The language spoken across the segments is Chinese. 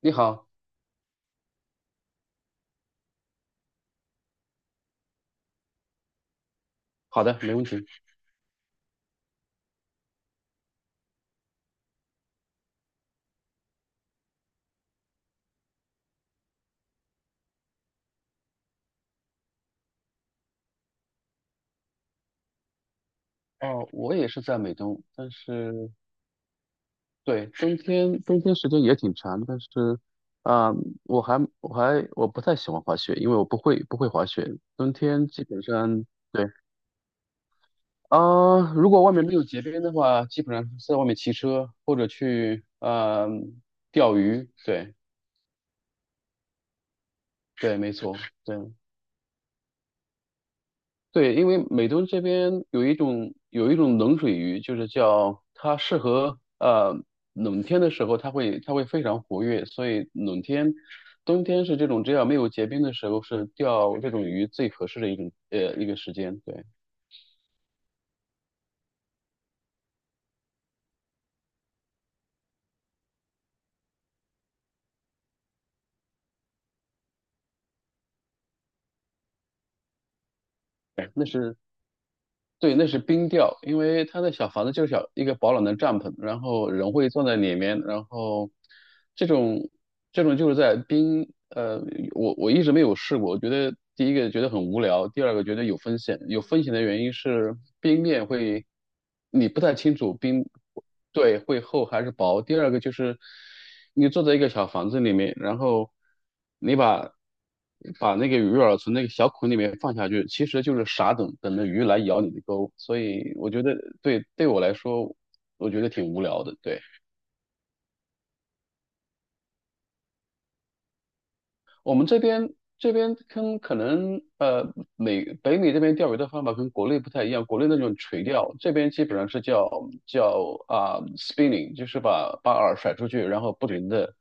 你好。好的，没问题。哦，我也是在美东，但是对，冬天时间也挺长，但是啊、我不太喜欢滑雪，因为我不会滑雪。冬天基本上对。如果外面没有结冰的话，基本上是在外面骑车或者去钓鱼。对。对，没错，对。对，因为美东这边有一种冷水鱼，就是叫它适合冷天的时候，它会非常活跃，所以冷天、冬天是这种只要没有结冰的时候，是钓这种鱼最合适的一个时间。对。对，那是冰钓，因为它的小房子就是小一个保暖的帐篷，然后人会坐在里面，然后这种这种就是在冰，我一直没有试过，我觉得第一个觉得很无聊，第二个觉得有风险，有风险的原因是冰面会，你不太清楚冰，对，会厚还是薄，第二个就是你坐在一个小房子里面，然后你把。把那个鱼饵从那个小孔里面放下去，其实就是傻等，等着鱼来咬你的钩。所以我觉得对我来说，我觉得挺无聊的。对。我们这边这边跟可能美北美这边钓鱼的方法跟国内不太一样，国内那种垂钓，这边基本上是叫spinning,就是把饵甩出去，然后不停的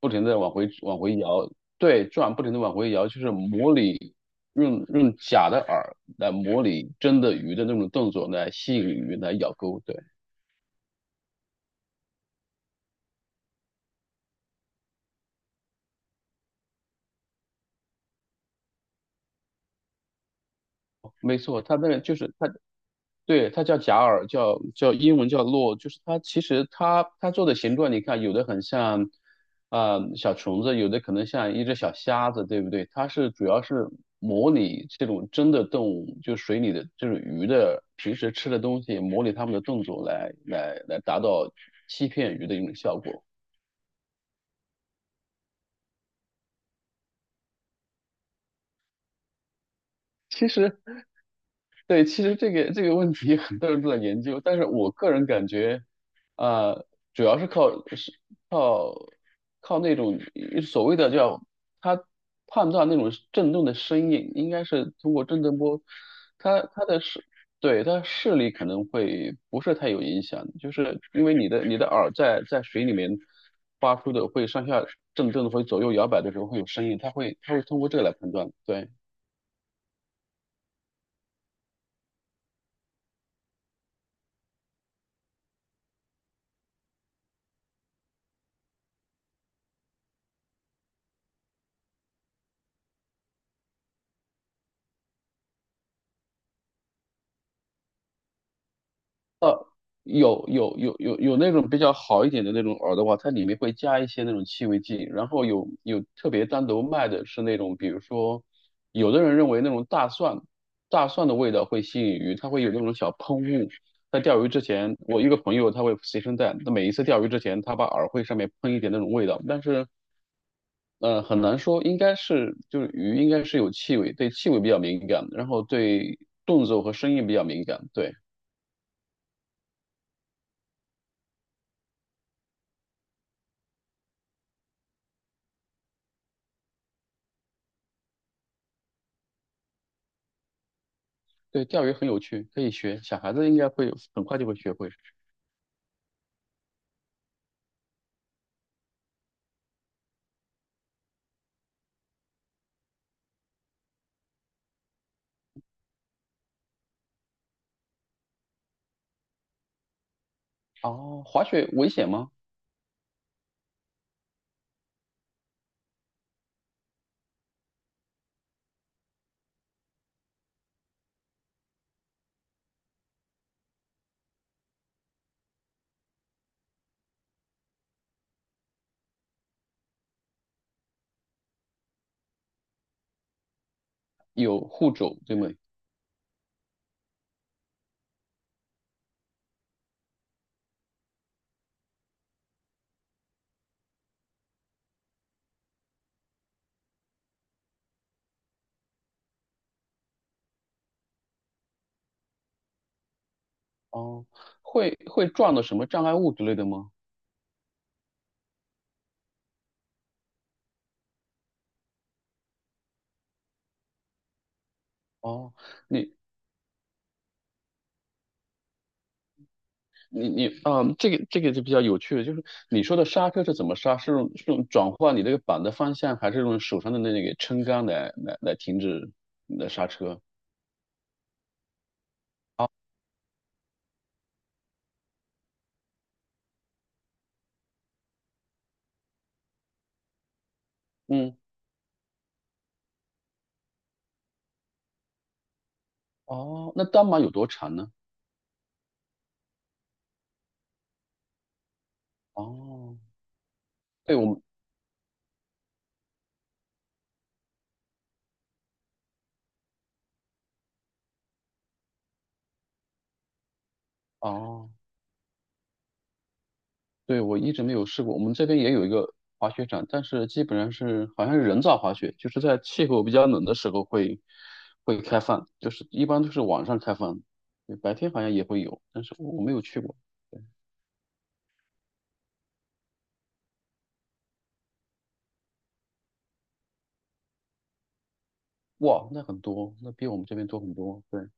不停的往回摇，对，转不停的往回摇，就是模拟用假的饵来模拟真的鱼的那种动作来吸引鱼来咬钩，对，没错，它那个就是它对，它叫假饵，叫英文叫落，就是它其实它做的形状，你看有的很像，啊小虫子，有的可能像一只小虾子，对不对？它是主要是模拟这种真的动物，就水里的这种鱼的平时吃的东西，模拟它们的动作来达到欺骗鱼的一种效果。其实。对，其实这个问题很多人都在研究，但是我个人感觉，啊、主要是靠是靠靠那种所谓的叫他判断那种震动的声音，应该是通过震动波，他他的视对他视力可能会不是太有影响，就是因为你的耳在水里面发出的会上下震动，会左右摇摆的时候会有声音，它会通过这个来判断，对。有那种比较好一点的那种饵的话，它里面会加一些那种气味剂，然后有特别单独卖的是那种，比如说，有的人认为那种大蒜，大蒜的味道会吸引鱼，它会有那种小喷雾。在钓鱼之前，我一个朋友他会随身带，他每一次钓鱼之前，他把饵会上面喷一点那种味道，但是很难说，应该是就是鱼应该是有气味，对气味比较敏感，然后对动作和声音比较敏感，对。对，钓鱼很有趣，可以学，小孩子应该会有很快就会学会。哦，滑雪危险吗？有护肘，对吗？哦，会会撞到什么障碍物之类的吗？哦，你你，嗯，这个就比较有趣了，就是你说的刹车是怎么刹？是用转换你这个板的方向，还是用手上的那个撑杆来停止你的刹车？啊，嗯，哦，那单板有多长呢？哦，对，我们，哦。对，我一直没有试过。我们这边也有一个滑雪场，但是基本上是好像是人造滑雪，就是在气候比较冷的时候会开放，就是一般都是晚上开放，对，白天好像也会有，但是我没有去过。哇，那很多，那比我们这边多很多。对，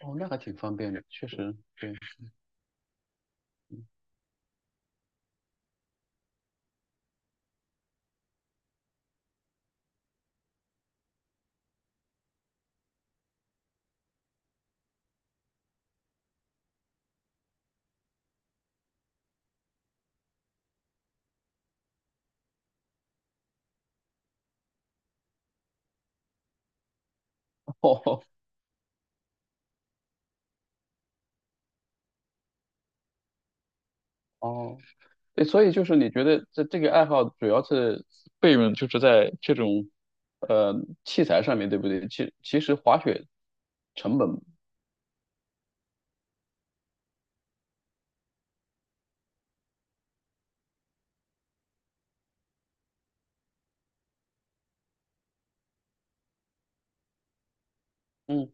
哦，那还挺方便的，确实，对，哦。哦，对，所以就是你觉得这个爱好主要是费用就是在这种呃器材上面，对不对？其其实滑雪成本。嗯，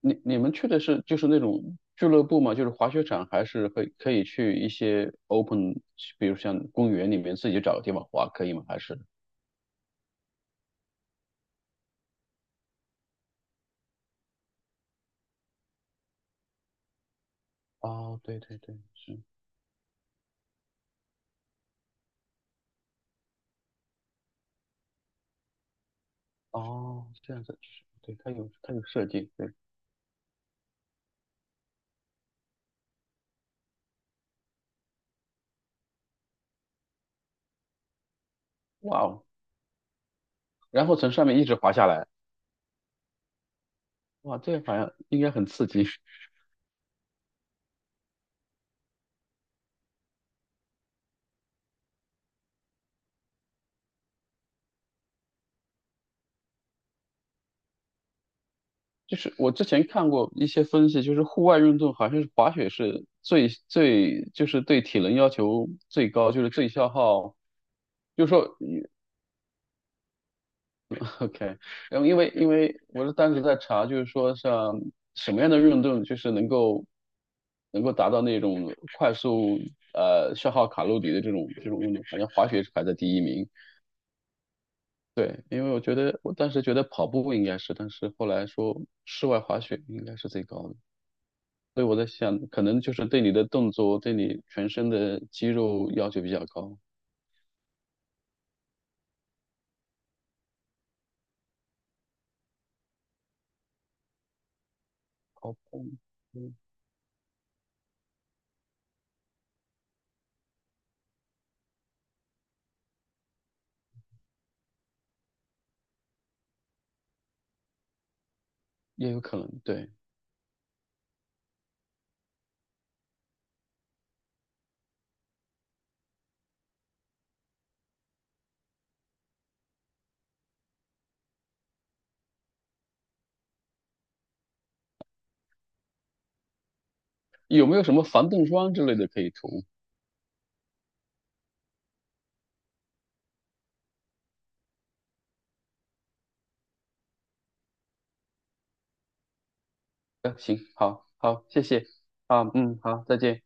你你们去的是就是那种俱乐部吗？就是滑雪场，还是会可以去一些 open,比如像公园里面自己找个地方滑，可以吗？还是？哦，对对对，是。哦，这样子，对，它有它有设计，对，哇哦，然后从上面一直滑下来，哇，这个好像应该很刺激。就是我之前看过一些分析，就是户外运动好像是滑雪是最就是对体能要求最高，就是最消耗。就是说 OK,然后因为我是当时在查，就是说像什么样的运动就是能够达到那种快速消耗卡路里的这种运动，好像滑雪是排在第一名。对，因为我觉得我当时觉得跑步应该是，但是后来说室外滑雪应该是最高的，所以我在想，可能就是对你的动作、对你全身的肌肉要求比较高。跑步，嗯，也有可能。对，有没有什么防冻霜之类的可以涂？行，好，好，谢谢，啊，嗯，好，再见。